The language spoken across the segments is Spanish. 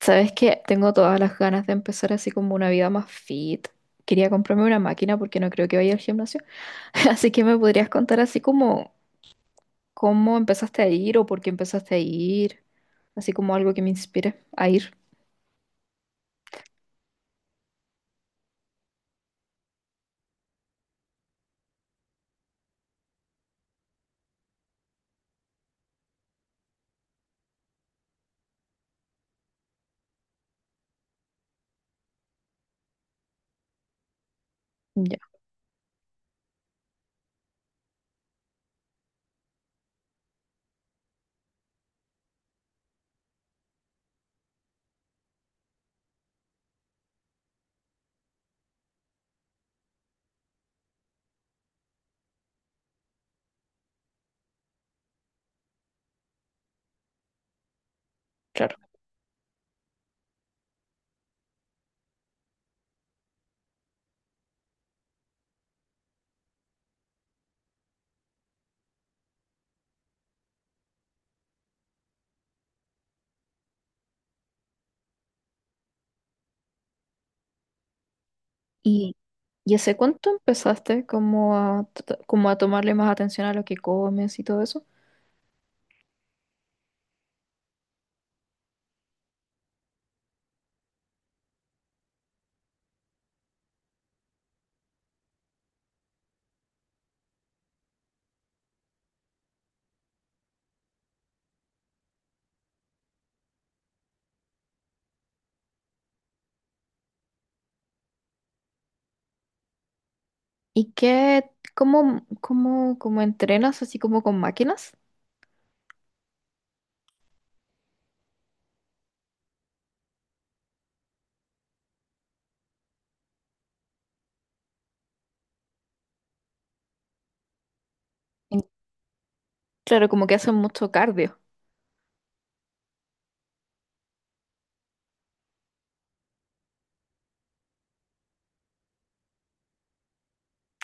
Sabes que tengo todas las ganas de empezar así como una vida más fit. Quería comprarme una máquina porque no creo que vaya al gimnasio. Así que me podrías contar así como cómo empezaste a ir o por qué empezaste a ir. Así como algo que me inspire a ir. Ya, claro. ¿Y, y hace cuánto empezaste como a, t- como a tomarle más atención a lo que comes y todo eso? ¿Y qué, cómo entrenas así como con máquinas? En- Claro, como que hacen mucho cardio.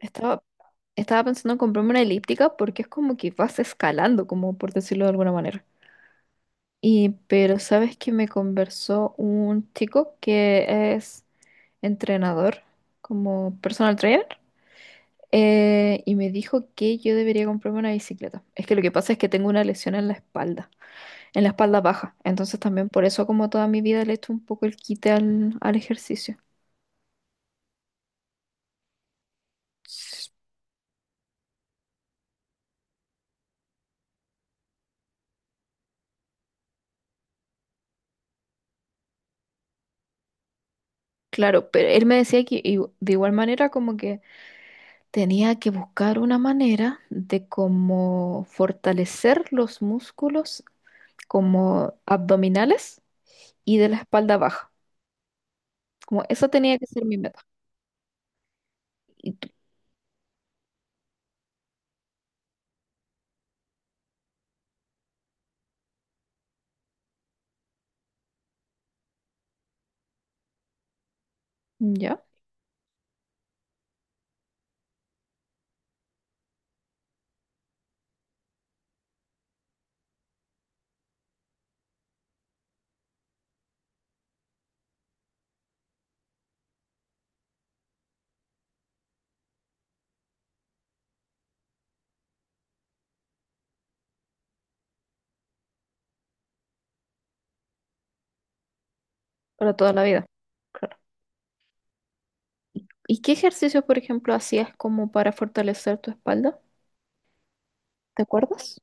Estaba, Estaba pensando en comprarme una elíptica porque es como que vas escalando, como por decirlo de alguna manera. Y pero sabes que me conversó un chico que es entrenador, como personal trainer, y me dijo que yo debería comprarme una bicicleta. Es que lo que pasa es que tengo una lesión en la espalda baja. Entonces también por eso como toda mi vida le he hecho un poco el quite al ejercicio. S- Claro, pero él me decía que de igual manera como que tenía que buscar una manera de cómo fortalecer los músculos como abdominales y de la espalda baja. Como esa tenía que ser mi meta. Y tú- ya, para toda la vida. Claro. ¿Y qué ejercicios, por ejemplo, hacías como para fortalecer tu espalda? ¿Te acuerdas?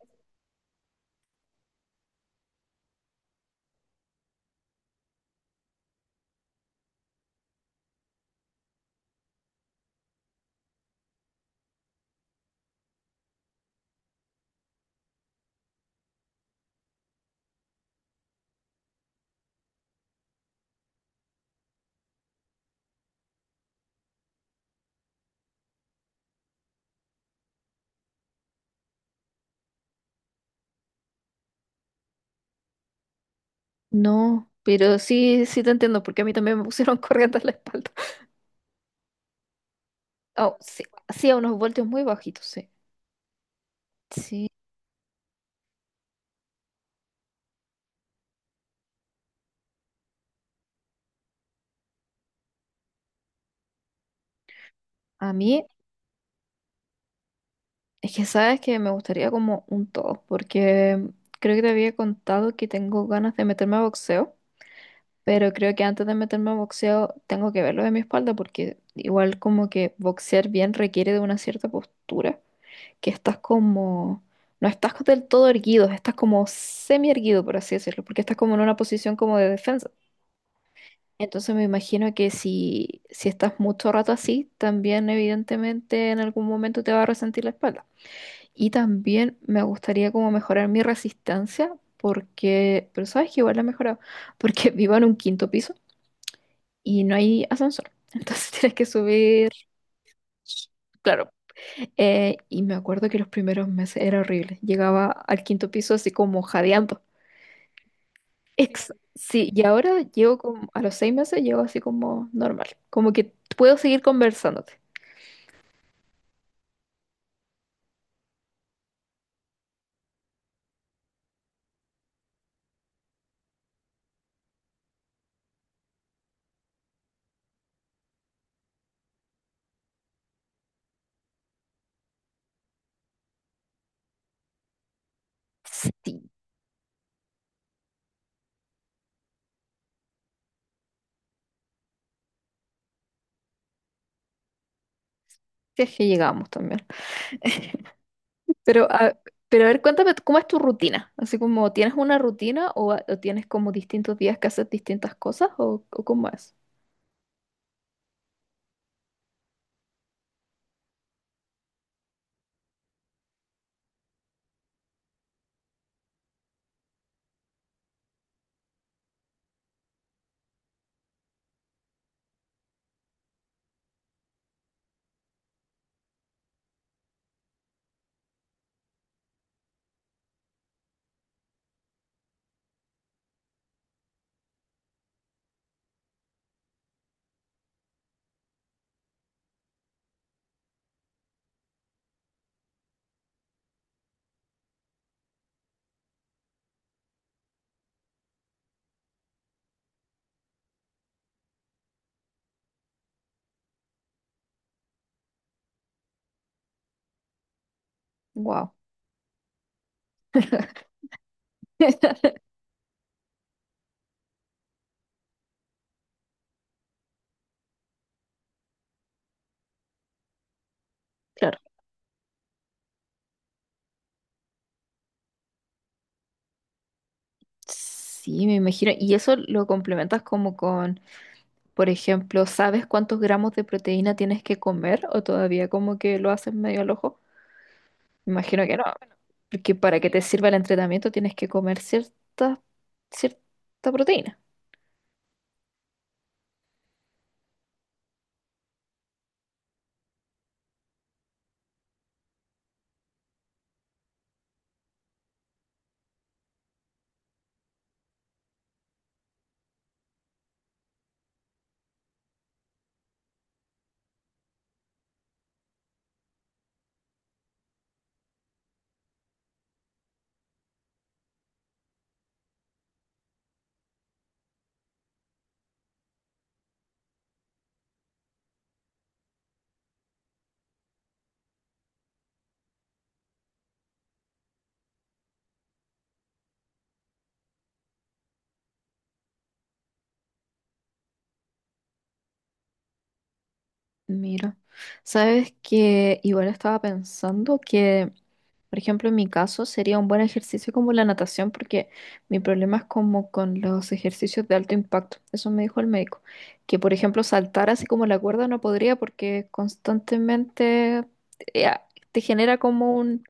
No, pero sí, sí te entiendo, porque a mí también me pusieron corriente en la espalda. Oh, sí, hacía unos voltios muy bajitos, sí. Sí, a mí. Es que sabes que me gustaría como un todo, porque creo que te había contado que tengo ganas de meterme a boxeo, pero creo que antes de meterme a boxeo tengo que verlo de mi espalda, porque igual como que boxear bien requiere de una cierta postura, que estás como, no estás del todo erguido, estás como semi erguido, por así decirlo, porque estás como en una posición como de defensa. Entonces me imagino que si estás mucho rato así, también evidentemente en algún momento te va a resentir la espalda. Y también me gustaría como mejorar mi resistencia, porque, pero sabes que igual la he mejorado, porque vivo en un quinto piso y no hay ascensor. Entonces tienes que subir, claro. Y me acuerdo que los primeros meses era horrible. Llegaba al quinto piso así como jadeando. Sí, y ahora llego como, a los seis meses llego así como normal. Como que puedo seguir conversándote. Sí, si es que llegamos también. Pero a, pero a ver, cuéntame, ¿cómo es tu rutina? Así como, ¿tienes una rutina o, ah, o tienes como distintos días que haces distintas cosas o cómo es? Wow. Claro. Sí, me imagino. Y eso lo complementas como con, por ejemplo, ¿sabes cuántos gramos de proteína tienes que comer o todavía como que lo haces medio al ojo? Me imagino que no, porque para que te sirva el entrenamiento tienes que comer cierta, cierta proteína. Mira, sabes que igual estaba pensando que por ejemplo, en mi caso sería un buen ejercicio como la natación, porque mi problema es como con los ejercicios de alto impacto. Eso me dijo el médico. Que, por ejemplo, saltar así como la cuerda no podría porque constantemente eh, te genera como un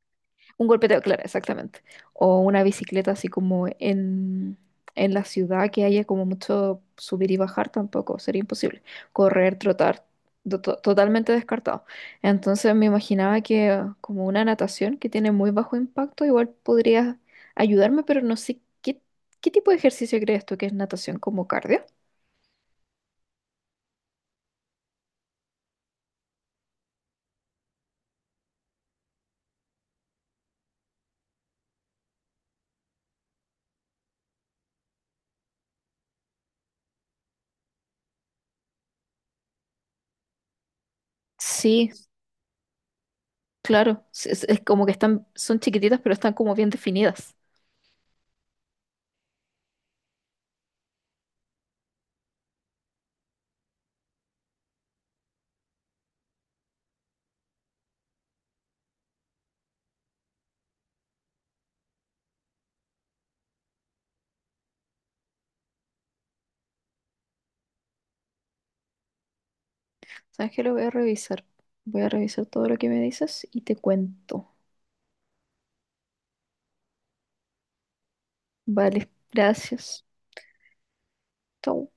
un golpeteo, claro, exactamente. O una bicicleta así como en la ciudad que haya como mucho subir y bajar tampoco, sería imposible. Correr, trotar, totalmente descartado. Entonces me imaginaba que como una natación que tiene muy bajo impacto, igual podría ayudarme, pero no sé qué tipo de ejercicio crees tú que es natación como cardio. Sí, claro, es como que están, son chiquititas, pero están como bien definidas. ¿Sabes qué? Lo voy a revisar. Voy a revisar todo lo que me dices y te cuento. Vale, gracias. Chau.